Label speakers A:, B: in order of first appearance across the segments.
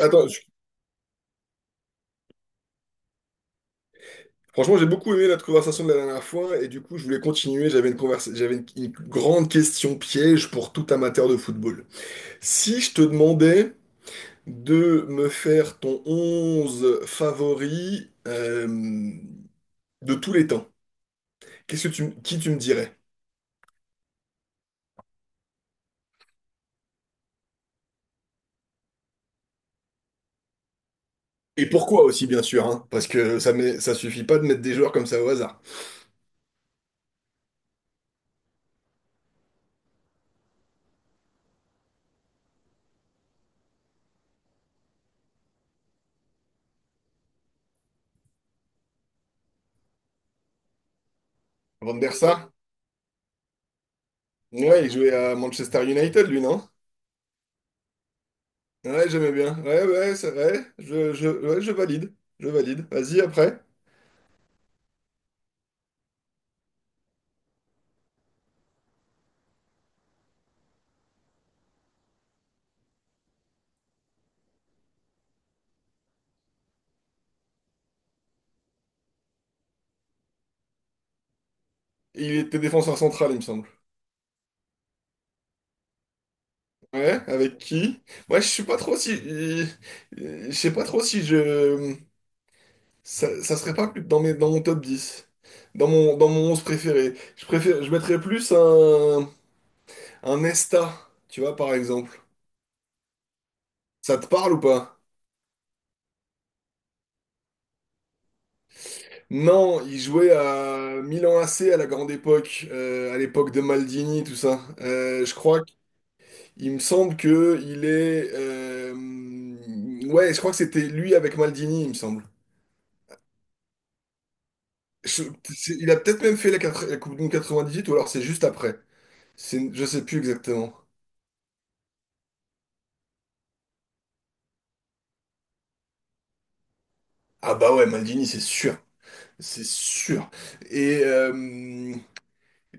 A: Attends, franchement, j'ai beaucoup aimé notre conversation de la dernière fois et du coup, je voulais continuer. J'avais une grande question piège pour tout amateur de football. Si je te demandais de me faire ton 11 favori de tous les temps, qui tu me dirais? Et pourquoi aussi, bien sûr, hein, parce que ça suffit pas de mettre des joueurs comme ça au hasard. Van der Sar, ouais, il jouait à Manchester United, lui, non? Ouais, j'aimais bien. Ouais, ouais, c'est vrai. Ouais, je valide. Je valide. Vas-y, après. Il était défenseur central, il me semble. Ouais, avec qui? Moi, je suis pas trop si. Je sais pas trop si je. Ça serait pas plus dans dans mon top 10, dans dans mon 11 préféré. Je mettrais plus un Nesta, tu vois, par exemple. Ça te parle ou pas? Non, il jouait à Milan AC à la grande époque, à l'époque de Maldini, tout ça. Je crois qu'il me semble que il est. Ouais, je crois que c'était lui avec Maldini, il me semble. Je- il a peut-être même fait la Coupe du Monde 98 ou alors c'est juste après. Je sais plus exactement. Ah bah ouais, Maldini, c'est sûr. C'est sûr. Et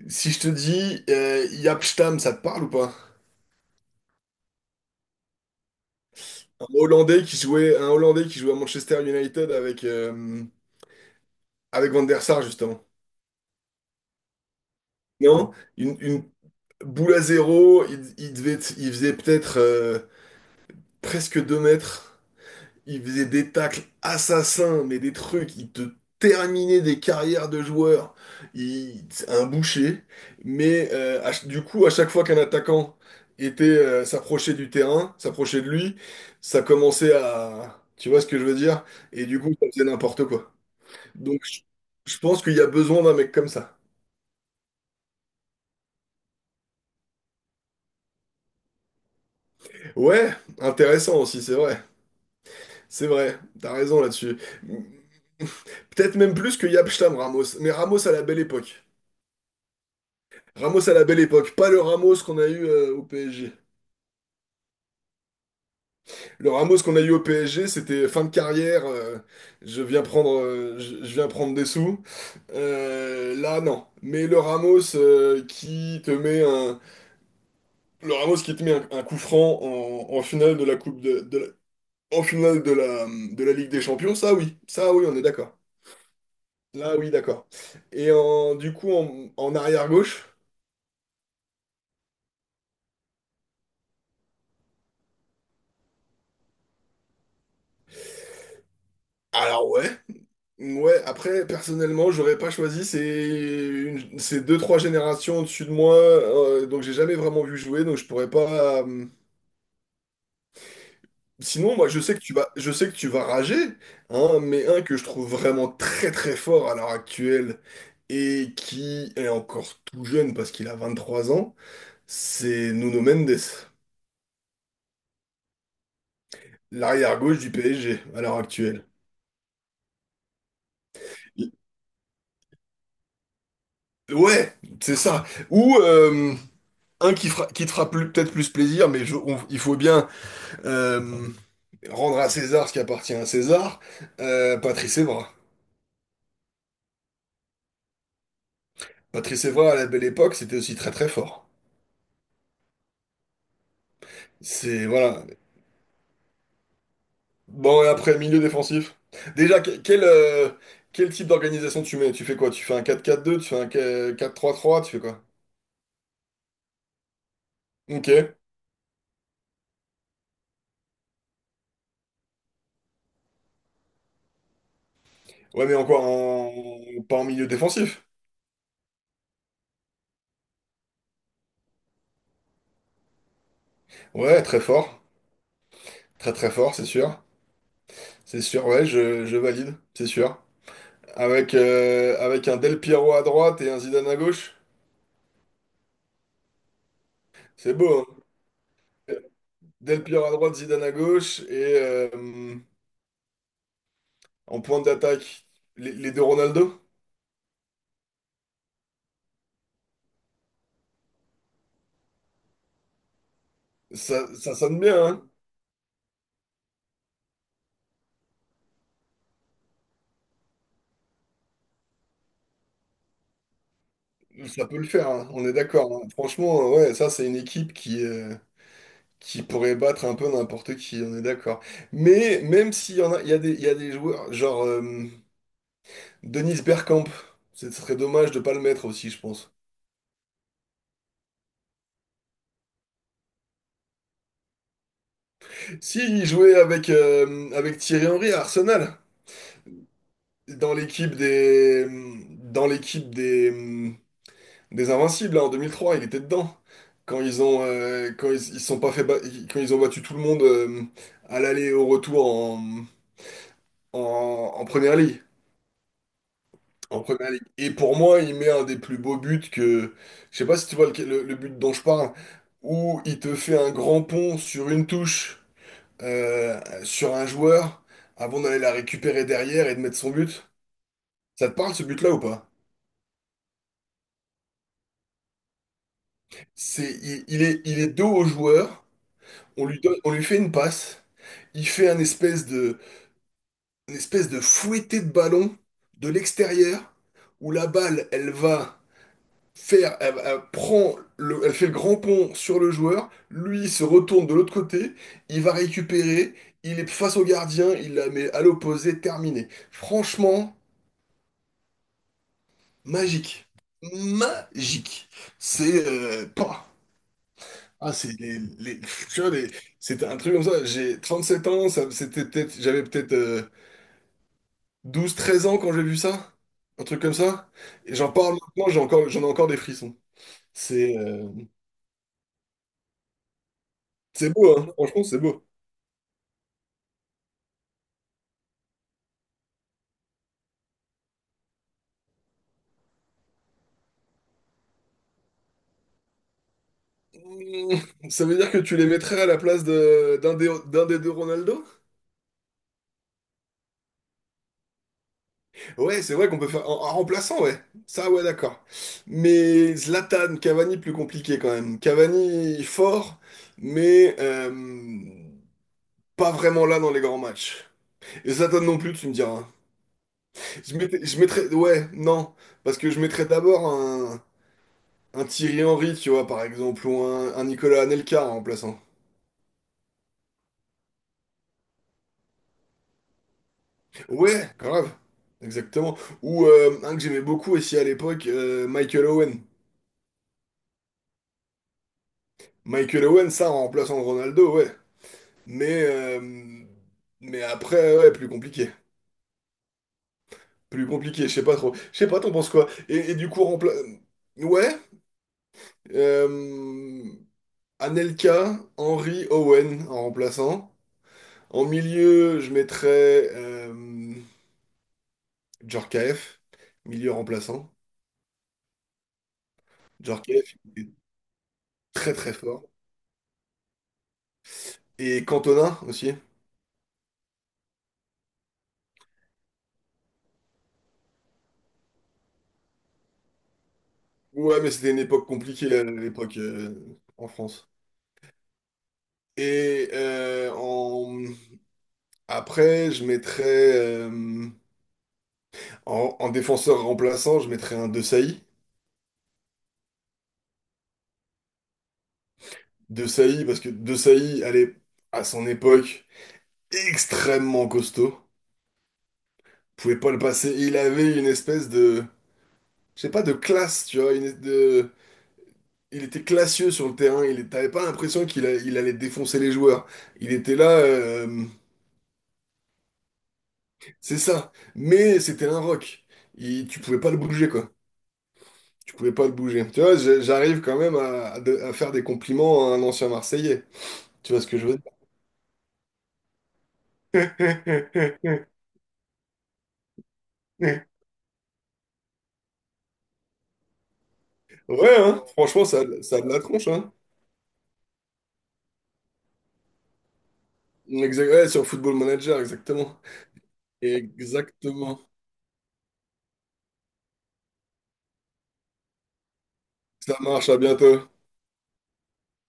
A: si je te dis Jaap Stam, ça te parle ou pas? Un Hollandais qui jouait à Manchester United avec, avec Van der Sar justement. Non? Une boule à zéro, il faisait peut-être presque 2 mètres. Il faisait des tacles assassins, mais des trucs, il te terminait des carrières de joueurs. C'est un boucher. Mais du coup, à chaque fois qu'un attaquant était s'approchait du terrain, s'approchait de lui, ça commençait à... Tu vois ce que je veux dire? Et du coup, ça faisait n'importe quoi. Donc, je pense qu'il y a besoin d'un mec comme ça. Ouais, intéressant aussi, c'est vrai. C'est vrai, t'as raison là-dessus. Peut-être même plus que Yapstam Ramos. Mais Ramos à la belle époque. Ramos à la belle époque, pas le Ramos qu'on a eu au PSG. Le Ramos qu'on a eu au PSG, c'était fin de carrière, je viens prendre, je viens prendre des sous. Là, non. Mais le Ramos qui te met un, le Ramos qui te met un coup franc en finale de la en finale de de la Ligue des Champions, ça oui, on est d'accord. Là, oui, d'accord. Et en, du coup, en, en arrière gauche, alors ouais. Ouais, après, personnellement, j'aurais pas choisi. C'est une... c'est deux, trois générations au-dessus de moi. Donc, j'ai jamais vraiment vu jouer. Donc, je pourrais pas. Sinon, moi, je sais que tu vas rager, hein, mais un que je trouve vraiment très, très fort à l'heure actuelle et qui est encore tout jeune parce qu'il a 23 ans, c'est Nuno Mendes, l'arrière-gauche du PSG à l'heure actuelle. Ouais, c'est ça. Ou qui te fera peut-être plus plaisir, mais il faut bien. Euh, rendre à César ce qui appartient à César, Patrice Evra. Patrice Evra, à la belle époque, c'était aussi très très fort. Voilà. Bon, et après, milieu défensif. Déjà, quel type d'organisation tu mets? Tu fais quoi? Tu fais un 4-4-2, tu fais un 4-3-3, tu fais quoi? Ok. Ouais, mais encore en... pas en milieu défensif. Ouais, très fort. Très très fort, c'est sûr. C'est sûr, ouais, je valide, c'est sûr. Avec, avec un Del Piero à droite et un Zidane à gauche, c'est beau, hein. Del Piero à droite, Zidane à gauche, et en pointe d'attaque, les deux Ronaldo. Ça sonne bien, hein. Ça peut le faire, hein. On est d'accord, hein. Franchement, ouais, ça, c'est une équipe qui pourrait battre un peu n'importe qui, on est d'accord. Mais même s'il y en a, il y a il y a des joueurs, genre Dennis Bergkamp, ce serait dommage de pas le mettre aussi, je pense. S'il jouait avec, avec Thierry Henry à Arsenal, dans l'équipe des, dans l'équipe des, Des Invincibles, là, en 2003, il était dedans. Quand ils ont, quand ils se sont pas fait ba- quand ils ont battu tout le monde à l'aller et au retour en, en, en première ligue. En première ligue. Et pour moi, il met un des plus beaux buts que. Je sais pas si tu vois le but dont je parle, où il te fait un grand pont sur une touche, sur un joueur, avant d'aller la récupérer derrière et de mettre son but. Ça te parle ce but-là ou pas? C'est, il est dos au joueur, on lui donne, on lui fait une passe. Il fait une espèce de fouetté de ballon de l'extérieur où la balle, elle prend elle fait le grand pont sur le joueur. Lui, il se retourne de l'autre côté. Il va récupérer. Il est face au gardien. Il la met à l'opposé. Terminé. Franchement, magique. Magique. C'est pas. Ah, c'est les- tu vois, les- C'était un truc comme ça. J'ai 37 ans. Ça, c'était peut-être, j'avais peut-être 12 13 ans quand j'ai vu ça, un truc comme ça. Et j'en parle maintenant, j'en ai encore des frissons. C'est euh, c'est beau, hein. Franchement, c'est beau. Mmh, ça veut dire que tu les mettrais à la place de, d'un des deux Ronaldo? Ouais, c'est vrai qu'on peut faire en remplaçant, ouais. Ça, ouais, d'accord. Mais Zlatan, Cavani, plus compliqué quand même. Cavani, fort, mais pas vraiment là dans les grands matchs. Et Zlatan non plus, tu me diras. Ouais, non, parce que je mettrais d'abord un. Un Thierry Henry, tu vois, par exemple, ou un Nicolas Anelka en remplaçant. Ouais, grave. Exactement. Ou un que j'aimais beaucoup aussi à l'époque, Michael Owen. Michael Owen, ça, en remplaçant Ronaldo, ouais. Mais, après, ouais, plus compliqué. Plus compliqué, je sais pas trop. Je sais pas, t'en penses quoi? Et du coup, rempla... Ouais, euh, Anelka, Henry, Owen en remplaçant. En milieu, je mettrais euh, Djorkaeff, milieu remplaçant. Djorkaeff était très très fort. Et Cantona aussi. Ouais, mais c'était une époque compliquée à l'époque en France. Et après, je mettrais en défenseur remplaçant, je mettrais un De Sailly. De Sailly, parce que De Sailly, elle est à son époque extrêmement costaud. Pouvait pas le passer. Il avait une espèce de, je sais pas, de classe, tu vois, il était classieux sur le terrain, il t'avais pas l'impression qu'il a- il allait défoncer les joueurs. Il était là, c'est ça. Mais c'était un rock. Tu pouvais pas le bouger, quoi. Tu pouvais pas le bouger. Tu vois, j'arrive quand même à faire des compliments à un ancien Marseillais. Tu vois ce que je veux dire? Ouais, hein, franchement, ça a de la tronche, hein. Ouais, sur Football Manager, exactement. Exactement. Ça marche, à bientôt.